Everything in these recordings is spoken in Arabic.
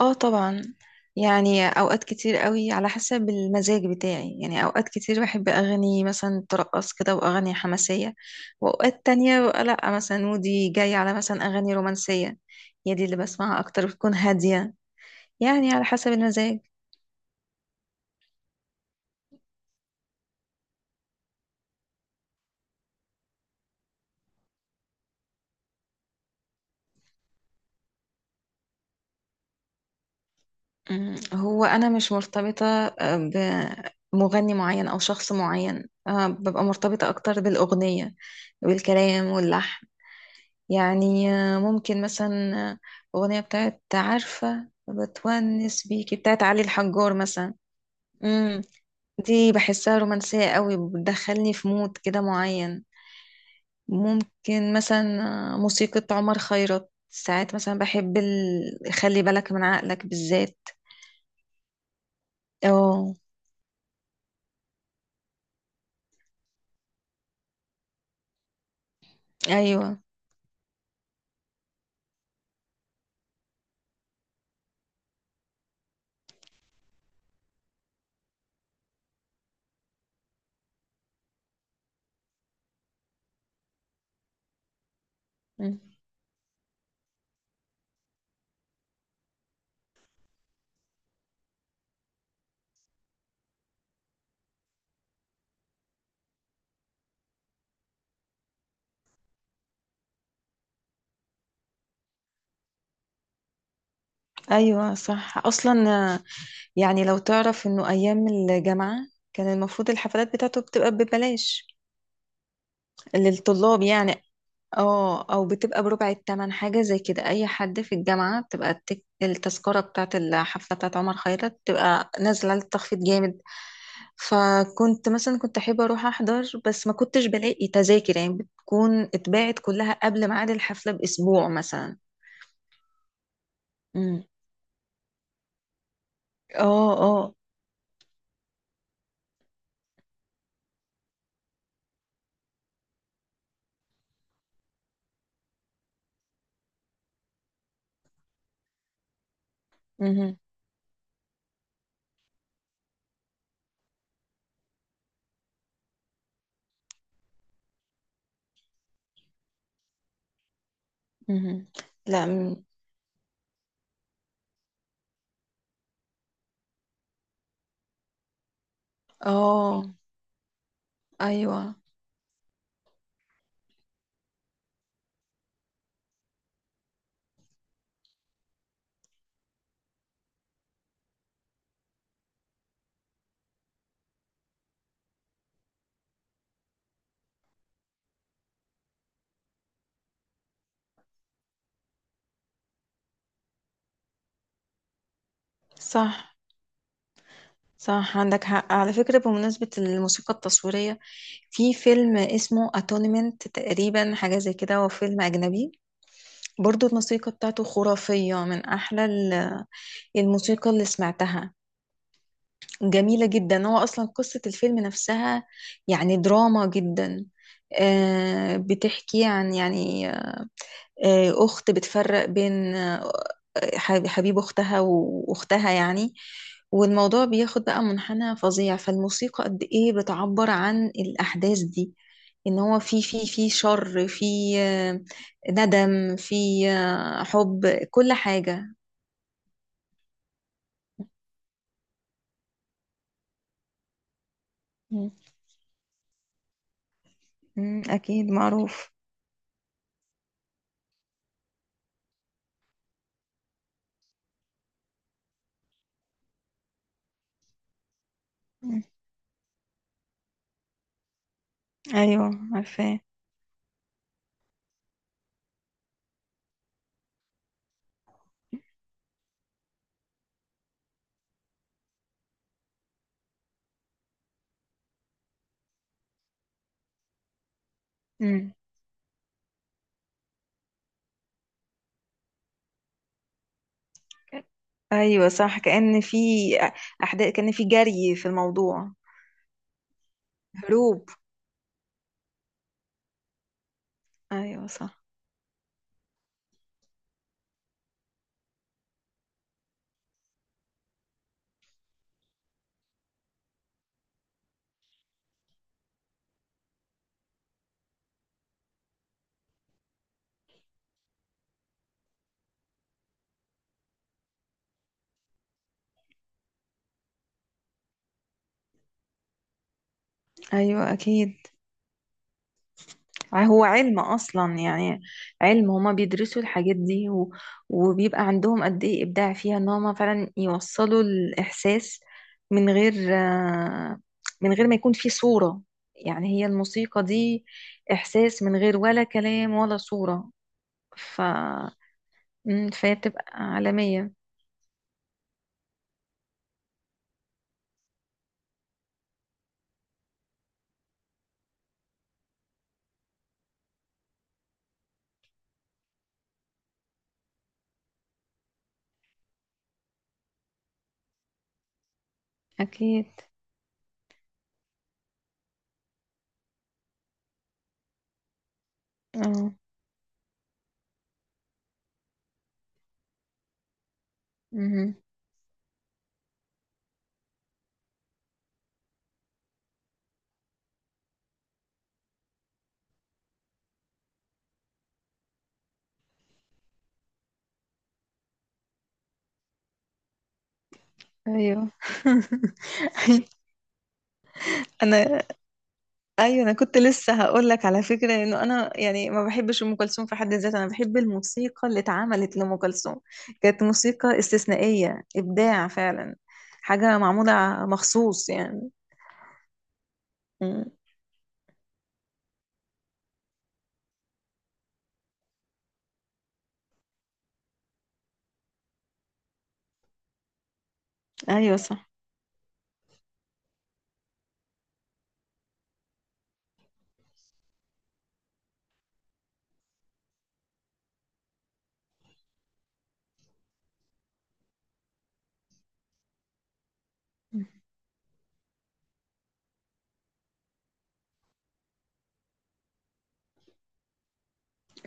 اه، طبعا. يعني اوقات كتير قوي على حسب المزاج بتاعي، يعني اوقات كتير بحب اغاني مثلا ترقص كده واغاني حماسيه. واوقات تانية ببقى لا، مثلا مودي جاي على مثلا اغاني رومانسيه. هي دي اللي بسمعها اكتر، بتكون هاديه. يعني على حسب المزاج. هو انا مش مرتبطه بمغني معين او شخص معين، ببقى مرتبطه اكتر بالاغنيه، بالكلام واللحن. يعني ممكن مثلا اغنيه بتاعت، عارفه، بتونس بيكي بتاعت علي الحجار مثلا. امم دي بحسها رومانسيه قوي، بتدخلني في مود كده معين. ممكن مثلا موسيقى عمر خيرت، ساعات مثلا بحب خلي بالك من عقلك بالذات. اه. ايوه. مم. ايوه صح اصلا. آه، يعني لو تعرف انه ايام الجامعه كان المفروض الحفلات بتاعته بتبقى ببلاش للطلاب يعني. اه، او بتبقى بربع التمن حاجة زي كده، اي حد في الجامعة بتبقى التذكرة بتاعة الحفلة بتاعة عمر خيرت بتبقى نازلة على التخفيض جامد. فكنت مثلا كنت احب اروح احضر، بس ما كنتش بلاقي تذاكر، يعني بتكون اتباعت كلها قبل ميعاد الحفلة باسبوع مثلا. مم. اه، اه. مهم. مهم. لا. مم. اه، ايوه صح. صح عندك حق، على فكرة بمناسبة الموسيقى التصويرية، في فيلم اسمه اتونمنت تقريبا، حاجة زي كده، هو فيلم أجنبي. برضو الموسيقى بتاعته خرافية، من أحلى الموسيقى اللي سمعتها. جميلة جدا. هو أصلا قصة الفيلم نفسها يعني دراما جدا. بتحكي عن، يعني، أخت بتفرق بين، حبيب أختها وأختها يعني. والموضوع بياخد بقى منحنى فظيع، فالموسيقى قد إيه بتعبر عن الأحداث دي. إن هو في في شر، في آه، ندم، في حب، كل حاجة. مم. مم، أكيد معروف. مم. أيوه عارفاه. مم. ايوه صح، كأن في احداث، كأن في جري في الموضوع، هروب. ايوه صح. ايوه اكيد. هو علم اصلا يعني. علم، هما بيدرسوا الحاجات دي و... وبيبقى عندهم قد ايه ابداع فيها، ان هما فعلا يوصلوا الاحساس من غير من غير ما يكون في صورة. يعني هي الموسيقى دي احساس من غير ولا كلام ولا صورة. ف... فهي بتبقى عالمية. اكيد. اه. مهم. ايوه. انا. ايوه، انا كنت لسه هقول لك على فكره انه انا يعني ما بحبش ام كلثوم في حد ذاتها، انا بحب الموسيقى اللي اتعملت لام كلثوم. كانت موسيقى استثنائيه، ابداع فعلا. حاجه معموله مخصوص يعني. مم. ايوه صح.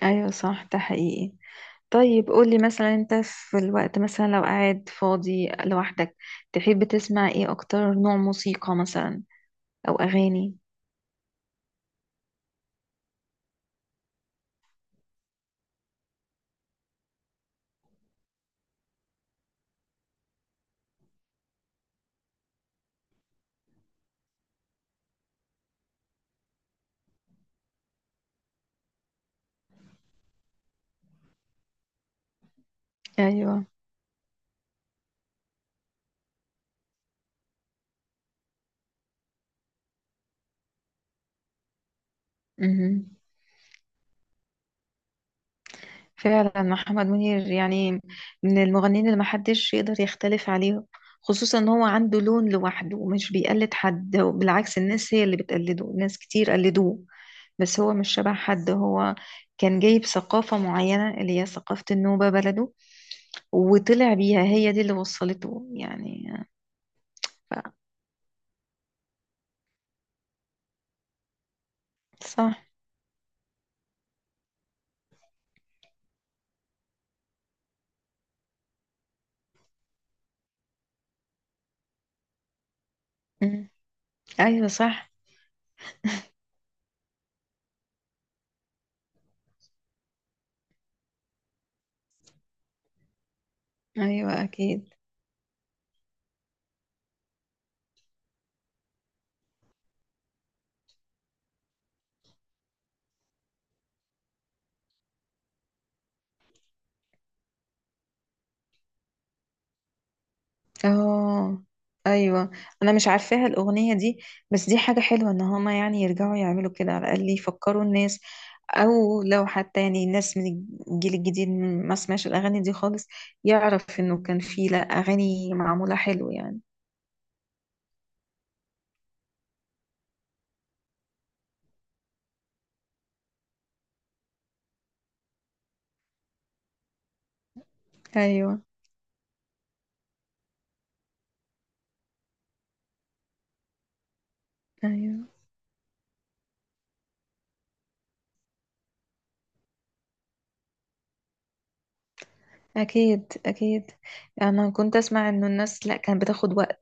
ايوه صح، ده حقيقي. طيب قولي مثلا، انت في الوقت مثلا لو قاعد فاضي لوحدك تحب تسمع ايه اكتر؟ نوع موسيقى مثلا او اغاني. ايوه فعلا، محمد منير يعني من المغنيين اللي محدش يقدر يختلف عليه. خصوصا ان هو عنده لون لوحده، ومش بيقلد حد، وبالعكس الناس هي اللي بتقلده، ناس كتير قلدوه. بس هو مش شبه حد. هو كان جايب ثقافة معينة اللي هي ثقافة النوبة بلده، وطلع بيها، هي دي اللي وصلته يعني. ف... صح. مم. ايوه صح. ايوه اكيد. اه ايوه، انا مش عارفاها الاغنيه دي. بس دي حاجه حلوه، ان هما يعني يرجعوا يعملوا كده، على الاقل يفكروا الناس، او لو حتى يعني الناس من الجيل الجديد ما سمعش الاغاني دي خالص، يعرف انه كان في لا اغاني معموله حلو يعني. ايوه. ايوه اكيد. اكيد. انا كنت اسمع انه الناس لا كانت بتاخد وقت،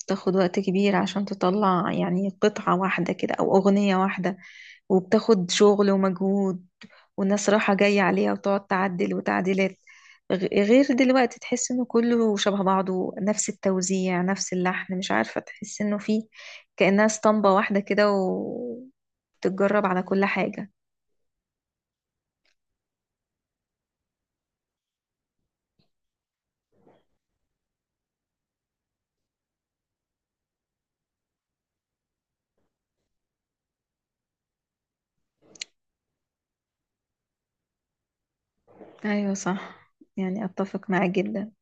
بتاخد وقت كبير عشان تطلع يعني قطعه واحده كده او اغنيه واحده، وبتاخد شغل ومجهود، والناس راحة جاية عليها وتقعد تعدل وتعديلات. غير دلوقتي تحس انه كله شبه بعضه، نفس التوزيع نفس اللحن، مش عارفة، تحس انه فيه كأنها اسطمبة واحدة كده، وتتجرب على كل حاجة. ايوه صح، يعني اتفق معاك جدا.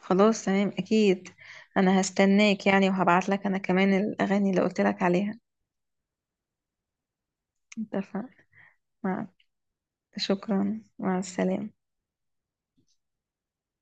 خلاص تمام، اكيد انا هستناك يعني، وهبعت لك انا كمان الاغاني اللي قلت لك عليها. اتفق. مع، شكرا، مع السلامة.